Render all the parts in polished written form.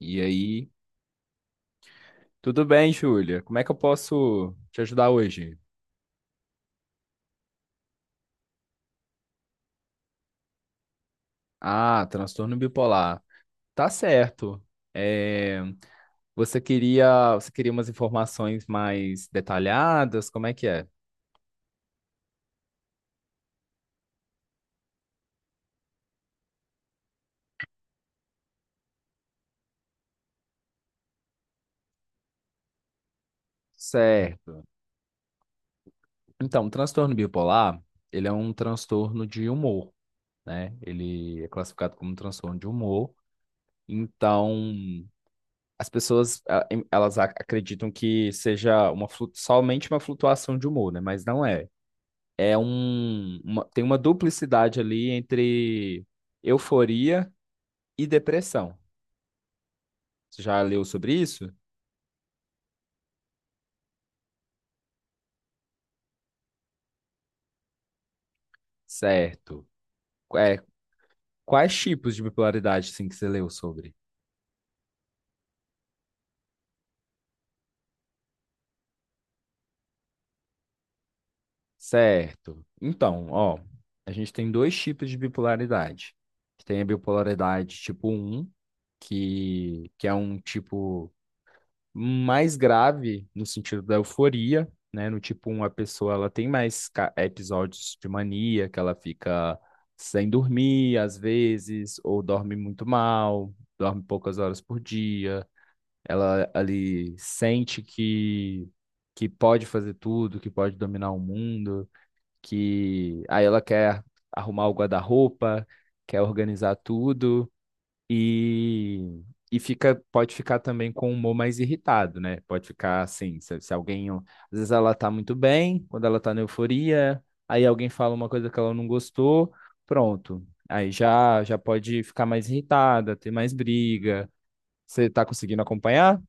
E aí, tudo bem, Júlia? Como é que eu posso te ajudar hoje? Ah, transtorno bipolar. Tá certo. É, você queria umas informações mais detalhadas? Como é que é? Certo. Então, o transtorno bipolar, ele é um transtorno de humor, né? Ele é classificado como um transtorno de humor. Então, as pessoas, elas acreditam que seja somente uma flutuação de humor, né? Mas não é. Tem uma duplicidade ali entre euforia e depressão. Você já leu sobre isso? Certo. É, quais tipos de bipolaridade sim que você leu sobre? Certo. Então, ó, a gente tem dois tipos de bipolaridade. Tem a bipolaridade tipo um que é um tipo mais grave no sentido da euforia, né? No tipo 1, a pessoa ela tem mais episódios de mania, que ela fica sem dormir às vezes, ou dorme muito mal, dorme poucas horas por dia. Ela ali sente que pode fazer tudo, que pode dominar o mundo, que aí ela quer arrumar o guarda-roupa, quer organizar tudo. E, e fica, pode ficar também com o humor mais irritado, né? Pode ficar assim, se alguém, às vezes ela tá muito bem, quando ela tá na euforia, aí alguém fala uma coisa que ela não gostou, pronto. Aí já pode ficar mais irritada, ter mais briga. Você tá conseguindo acompanhar?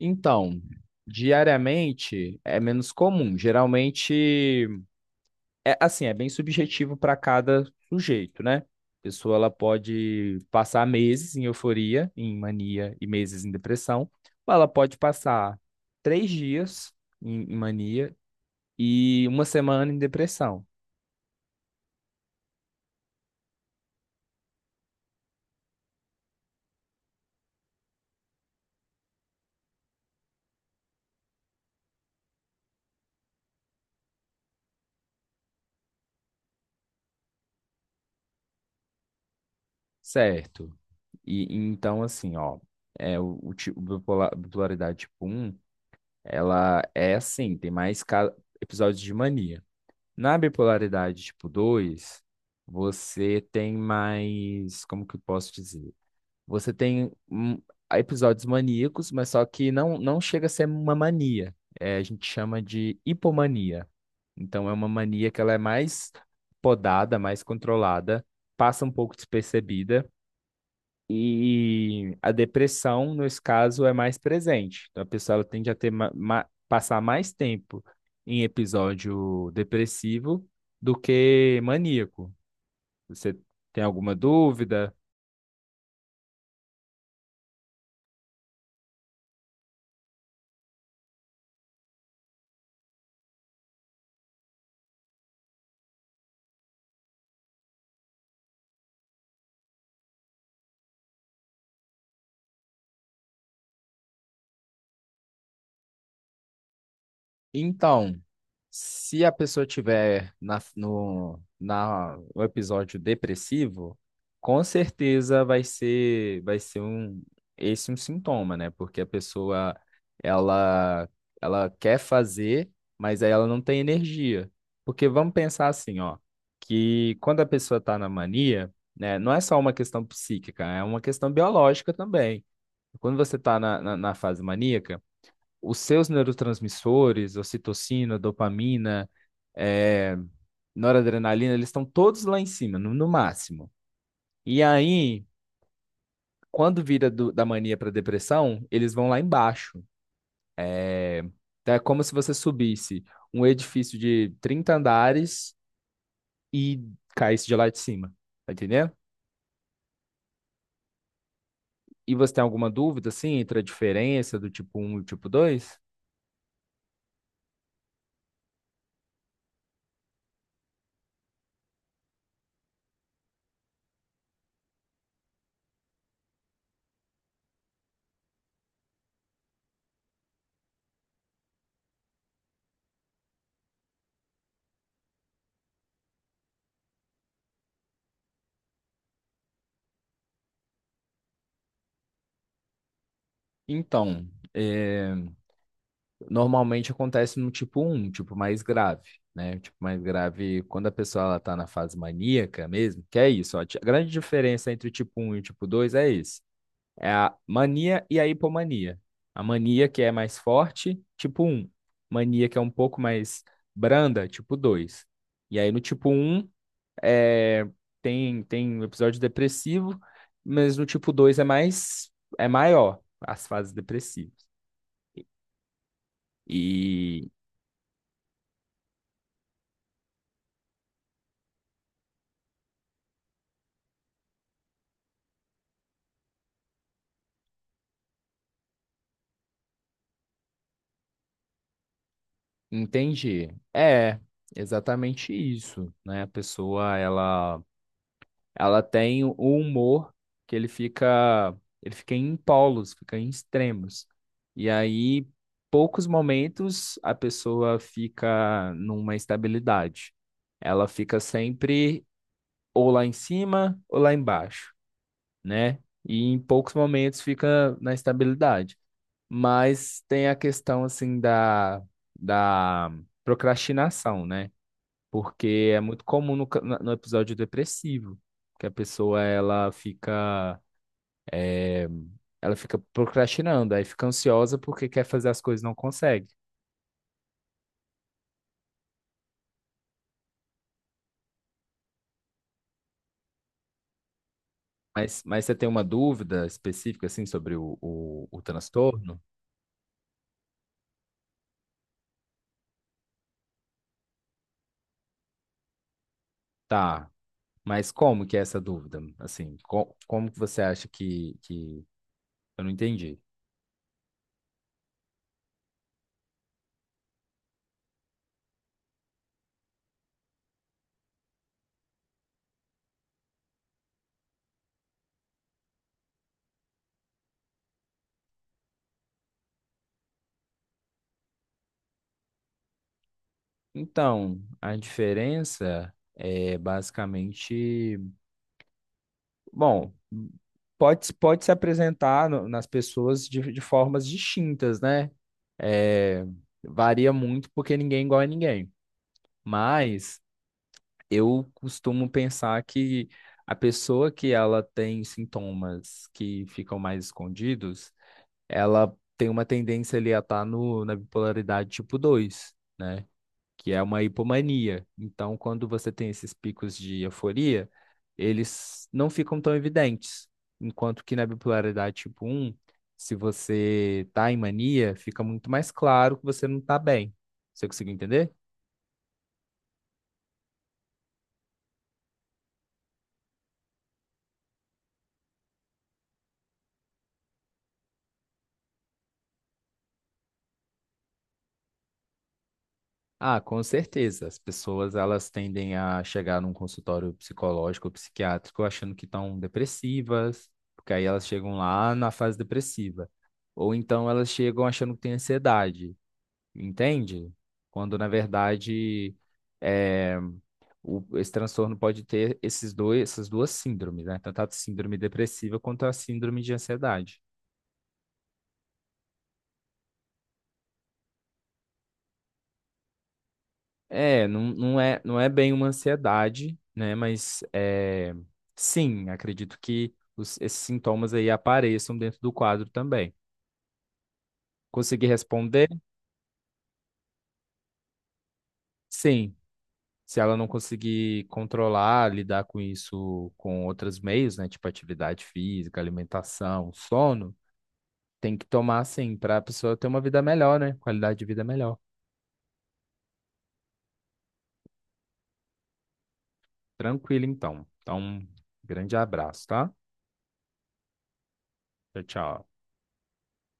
Então, diariamente é menos comum. Geralmente é assim, é bem subjetivo para cada sujeito, né? A pessoa ela pode passar meses em euforia, em mania e meses em depressão, ou ela pode passar três dias em mania e uma semana em depressão, certo? E então assim, ó, é o, ti- o bipolar- bipolaridade tipo um, ela é assim, tem mais episódios de mania. Na bipolaridade tipo 2, você tem mais, como que eu posso dizer? Você tem episódios maníacos, mas só que não chega a ser uma mania. A gente chama de hipomania. Então é uma mania que ela é mais podada, mais controlada, passa um pouco despercebida e a depressão, nesse caso, é mais presente. Então, a pessoa ela tende a ter passar mais tempo em episódio depressivo do que maníaco. Você tem alguma dúvida? Então, se a pessoa tiver no episódio depressivo, com certeza esse um sintoma, né? Porque a pessoa, ela, ela quer fazer, mas aí ela não tem energia. Porque vamos pensar assim, ó, que quando a pessoa está na mania, né, não é só uma questão psíquica, é uma questão biológica também. Quando você está na fase maníaca, os seus neurotransmissores, ocitocina, dopamina, eh, noradrenalina, eles estão todos lá em cima, no máximo. E aí, quando vira da mania para depressão, eles vão lá embaixo. É, então é como se você subisse um edifício de 30 andares e caísse de lá de cima, tá entendendo? E você tem alguma dúvida, assim, entre a diferença do tipo um e o tipo dois? Então, é, Normalmente acontece no tipo um, tipo mais grave, né? O tipo mais grave, quando a pessoa ela tá na fase maníaca mesmo, que é isso, ó. A grande diferença entre o tipo um e o tipo 2 é isso. É a mania e a hipomania. A mania que é mais forte, tipo um. Mania que é um pouco mais branda, tipo 2. E aí no tipo um é, tem um episódio depressivo, mas no tipo 2 é mais é maior as fases depressivas. E Entendi. É, exatamente isso, né? A pessoa, ela tem o humor que ele fica em polos, fica em extremos. E aí, poucos momentos a pessoa fica numa estabilidade. Ela fica sempre ou lá em cima ou lá embaixo, né? E em poucos momentos fica na estabilidade. Mas tem a questão assim da procrastinação, né? Porque é muito comum no episódio depressivo, que a pessoa eh, ela fica procrastinando, aí fica ansiosa porque quer fazer as coisas e não consegue. Mas você tem uma dúvida específica, assim, sobre o transtorno? Tá, mas como que é essa dúvida? Assim, como que você acha que... Eu não entendi. Então, a diferença é basicamente bom, pode se apresentar nas pessoas de formas distintas, né? É, varia muito porque ninguém é igual a ninguém. Mas eu costumo pensar que a pessoa que ela tem sintomas que ficam mais escondidos, ela tem uma tendência ali a estar no, na bipolaridade tipo dois, né? Que é uma hipomania. Então, quando você tem esses picos de euforia, eles não ficam tão evidentes. Enquanto que na bipolaridade tipo um, se você está em mania, fica muito mais claro que você não está bem. Você conseguiu entender? Ah, com certeza. As pessoas elas tendem a chegar num consultório psicológico ou psiquiátrico achando que estão depressivas, porque aí elas chegam lá na fase depressiva. Ou então elas chegam achando que têm ansiedade. Entende? Quando na verdade é, esse transtorno pode ter esses dois, essas duas síndromes, né? Tanto a síndrome depressiva quanto a síndrome de ansiedade. É, não, não é bem uma ansiedade, né? Mas sim, acredito que esses sintomas aí apareçam dentro do quadro também. Conseguir responder? Sim. Se ela não conseguir controlar, lidar com isso com outros meios, né? Tipo atividade física, alimentação, sono. Tem que tomar, assim, para a pessoa ter uma vida melhor, né? Qualidade de vida melhor. Tranquilo, então. Então, grande abraço, tá? Tchau, tchau.